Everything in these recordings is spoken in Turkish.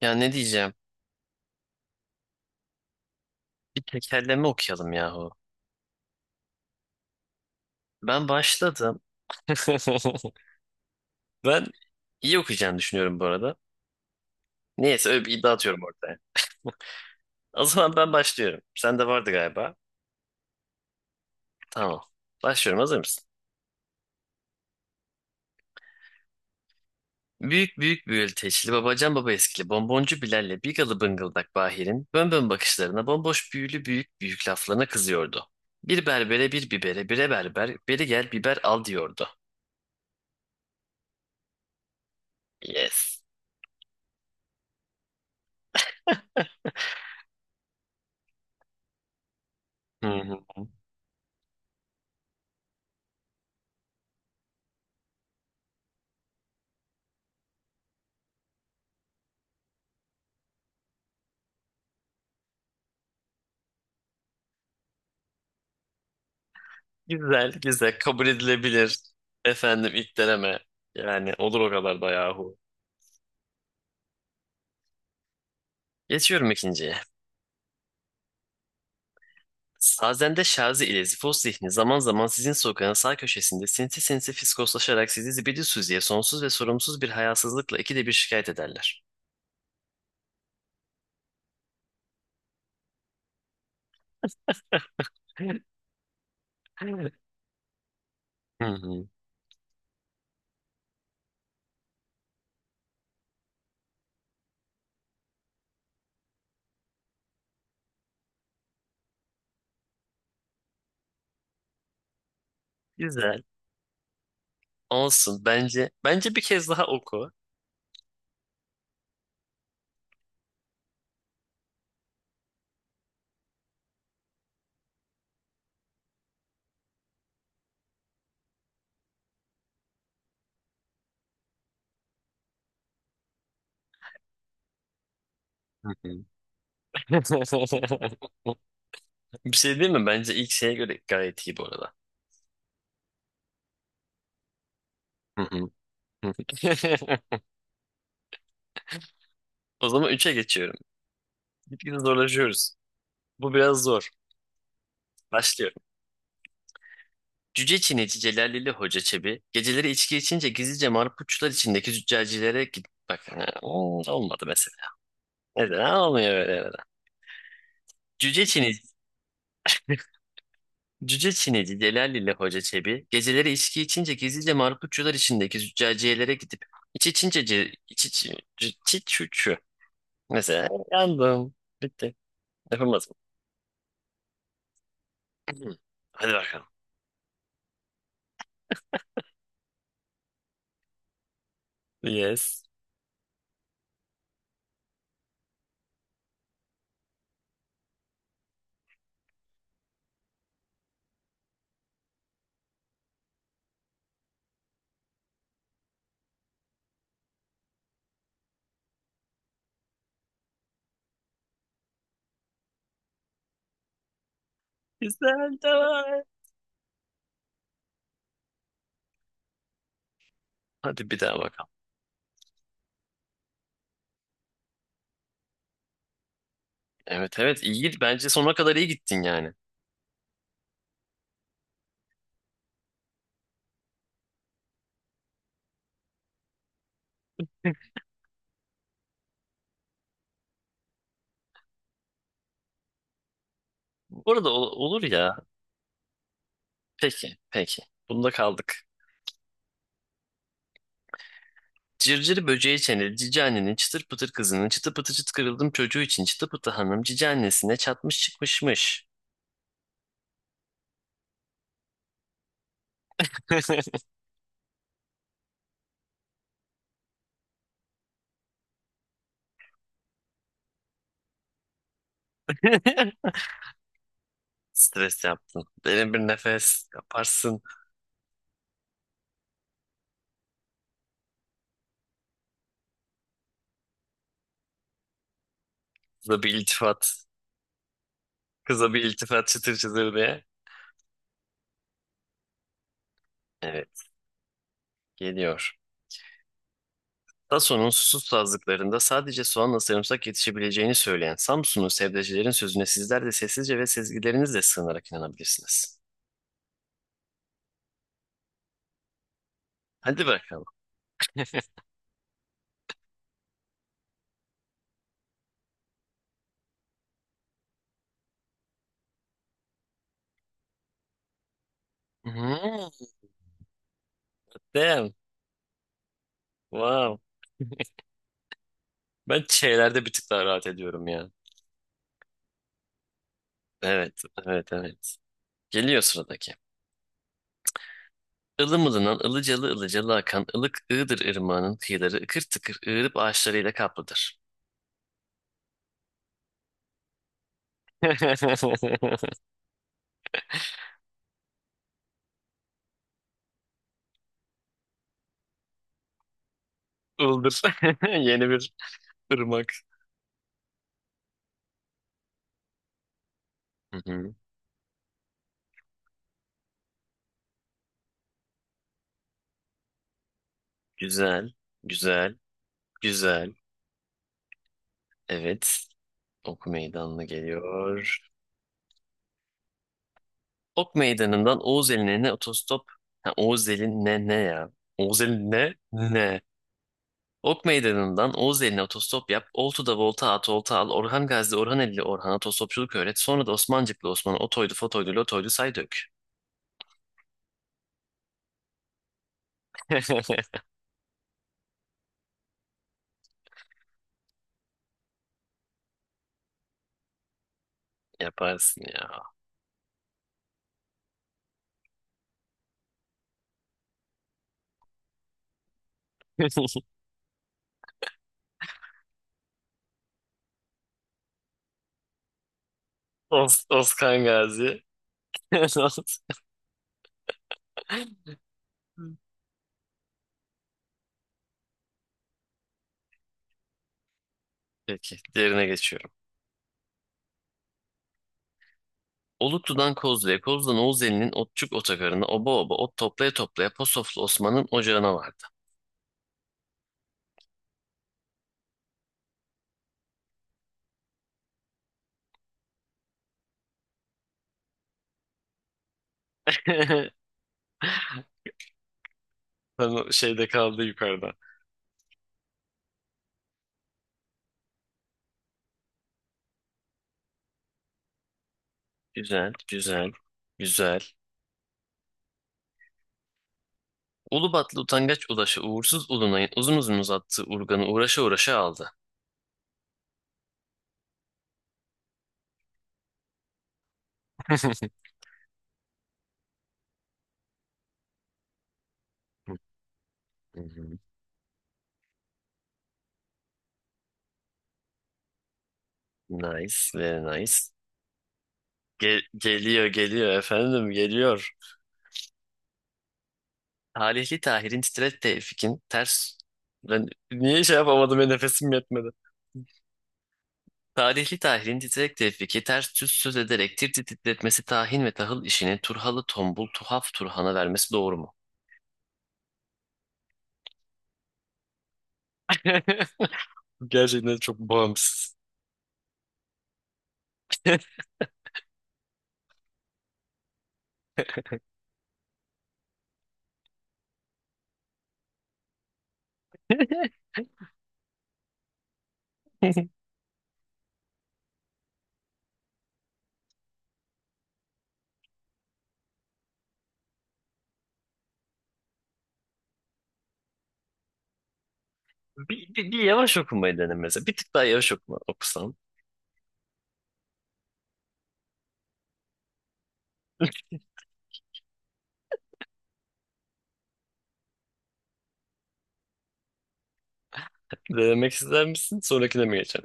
Ya ne diyeceğim? Bir tekerleme okuyalım yahu. Ben başladım. Ben iyi okuyacağını düşünüyorum bu arada. Neyse öyle bir iddia atıyorum ortaya. O zaman ben başlıyorum. Sende vardı galiba. Tamam. Başlıyorum, hazır mısın? Büyük büyük büyülteçli babacan baba eskili bonboncu Bilal'le bigalı bıngıldak Bahir'in bön bön bakışlarına bomboş büyülü büyük büyük laflarına kızıyordu. Bir berbere bir bibere bire berber beri gel biber al diyordu. Yes. Güzel, güzel. Kabul edilebilir. Efendim ilk deneme. Yani olur o kadar da yahu. Geçiyorum ikinciye. Sazende Şazi ile Zifos Zihni zaman zaman sizin sokağın sağ köşesinde sinsi sinsi fiskoslaşarak sizi zibidi süzüye sonsuz ve sorumsuz bir hayasızlıkla ikide bir şikayet ederler. Hı hı. Güzel. Olsun. Bence bir kez daha oku. Hı hı. Bir şey değil mi? Bence ilk şeye göre gayet iyi bu arada. Hı hı. O zaman üçe geçiyorum. Gitgide zorlaşıyoruz. Bu biraz zor. Başlıyor. Cüce Çinici Celalili Hoca Çebi geceleri içki içince gizlice marpuçlar içindeki züccacilere git... Bak ha, olmadı mesela. Neden olmuyor böyle neden? Cüce Çinici, Cüce Çinici Celalili Hoca Çebi geceleri içki içince gizlice marpuçlar içindeki züccaciyelere gidip iç içince ce, iç iç iç iç- şu şu. Mesela yandım. Bitti. Yapamaz mı? Hadi bakalım. Yes. Güzel, devam. Hadi bir daha bakalım. Evet evet iyi git. Bence sonuna kadar iyi gittin yani. Bu arada ol- olur ya. Peki peki. Bunda kaldık. Cırcır böceği çeneli cici annenin çıtır pıtır kızının çıtı pıtı çıt kırıldım çocuğu için çıtı pıtı hanım cici annesine çatmış çıkmışmış. Stres yaptın. Derin bir nefes yaparsın. Kıza bir iltifat. Kıza bir iltifat çıtır çıtır diye. Evet geliyor. Dassault'un susuz sazlıklarında sadece soğanla sarımsak yetişebileceğini söyleyen Samsunlu sebzecilerin sözüne sizler de sessizce ve sezgilerinizle sığınarak inanabilirsiniz. Hadi bakalım. Hmm, damn. Wow. Ben şeylerde bir tık daha rahat ediyorum ya. Evet, evet, evet. Geliyor sıradaki. Ilımılınan, ılıcalı ılıcalı akan ılık Iğdır ırmağının kıyıları ıkır tıkır ığırıp ağaçlarıyla kaplıdır. Ildır. Yeni bir ırmak. Hı hı. Güzel, güzel. Güzel. Evet. Ok Meydanı'na geliyor. Ok Meydanı'ndan Oğuz Eline otostop. Ha, Oğuz Eline ne ne ya? Oğuz Elin ne ne? Ok Meydanı'ndan Oğuz Eline otostop yap. Oltu'da volta at, olta al. Orhan Gazi'de Orhan Eli'li Orhan'a otostopçuluk öğret. Sonra da Osmancıklı Osman'a otoydu, fotoydu, lotoydu say dök. Yaparsın ya. Os Oskan Gazi. Peki, diğerine geçiyorum. Oluklu'dan Kozlu'ya, Kozlu'dan Oğuzeli'nin Otçuk Otogarı'na, oba oba ot toplaya toplaya Posoflu Osman'ın ocağına vardı. Tam şeyde kaldı yukarıda. Güzel, güzel, güzel. Ulubatlı utangaç ulaşı uğursuz ulunayın uzun uzun uzattığı urganı uğraşa uğraşa aldı. Hı hı. Nice, very nice. Geliyor, geliyor efendim, geliyor. Talihli Tahir'in titret Tevfik'in ters... Ben niye şey yapamadım ya, nefesim yetmedi. Talihli Tahil'in titrek Tevfik'i ters düz söz ederek tir titretmesi tahin ve tahıl işini Turhalı tombul tuhaf Turhan'a vermesi doğru mu? Gerçekten çok bağımsız. Bir yavaş okumayı dene mesela. Bir tık daha yavaş okuma, okusan. Denemek ister misin? Sonrakine mi geçelim?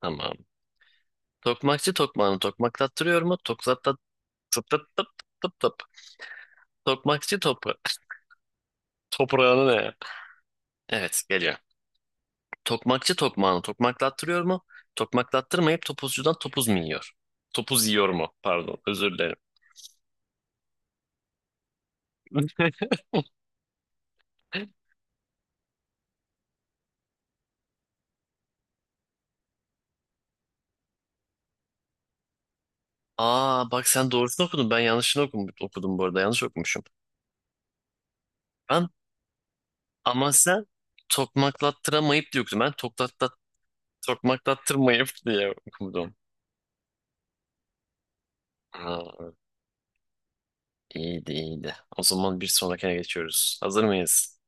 Tamam. Tokmakçı tokmağını tokmaklattırıyor mu? Tokzat tıp tıp tıp tıp tıp. Tokmakçı topra... Toprağını ne ya? Evet geliyor. Tokmakçı tokmağını tokmaklattırıyor mu? Tokmaklattırmayıp topuzcudan topuz mu yiyor? Topuz yiyor mu? Pardon, özür dilerim. Aa bak sen doğrusunu okudun. Ben yanlışını okum, okudum bu arada. Yanlış okumuşum. Ben ama sen tokmaklattıramayıp diye okudun. Ben toklatta, tokmaklattırmayıp diye okudum. Aa, iyiydi iyiydi. O zaman bir sonrakine geçiyoruz. Hazır mıyız?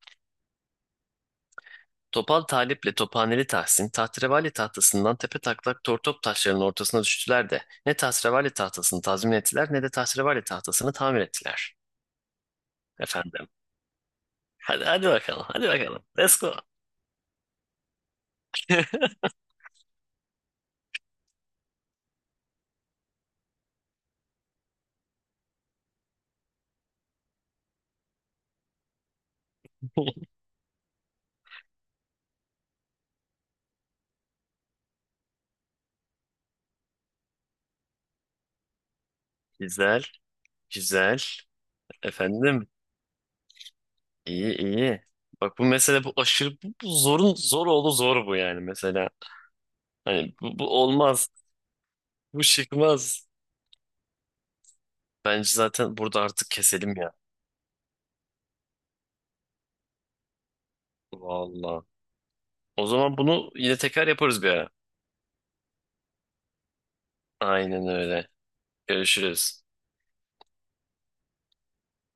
Topal Talip'le Tophaneli Tahsin, tahterevalli tahtasından tepe taklak tortop taşlarının ortasına düştüler de ne tahterevalli tahtasını tazmin ettiler ne de tahterevalli tahtasını tamir ettiler. Efendim. Hadi hadi bakalım, hadi bakalım. Let's go. Güzel, güzel. Efendim, iyi iyi. Bak bu mesele bu aşırı bu zorun zor oldu zor bu yani mesela. Hani bu olmaz. Bu çıkmaz. Bence zaten burada artık keselim ya. Vallahi. O zaman bunu yine tekrar yaparız bir ara. Aynen öyle. Görüşürüz.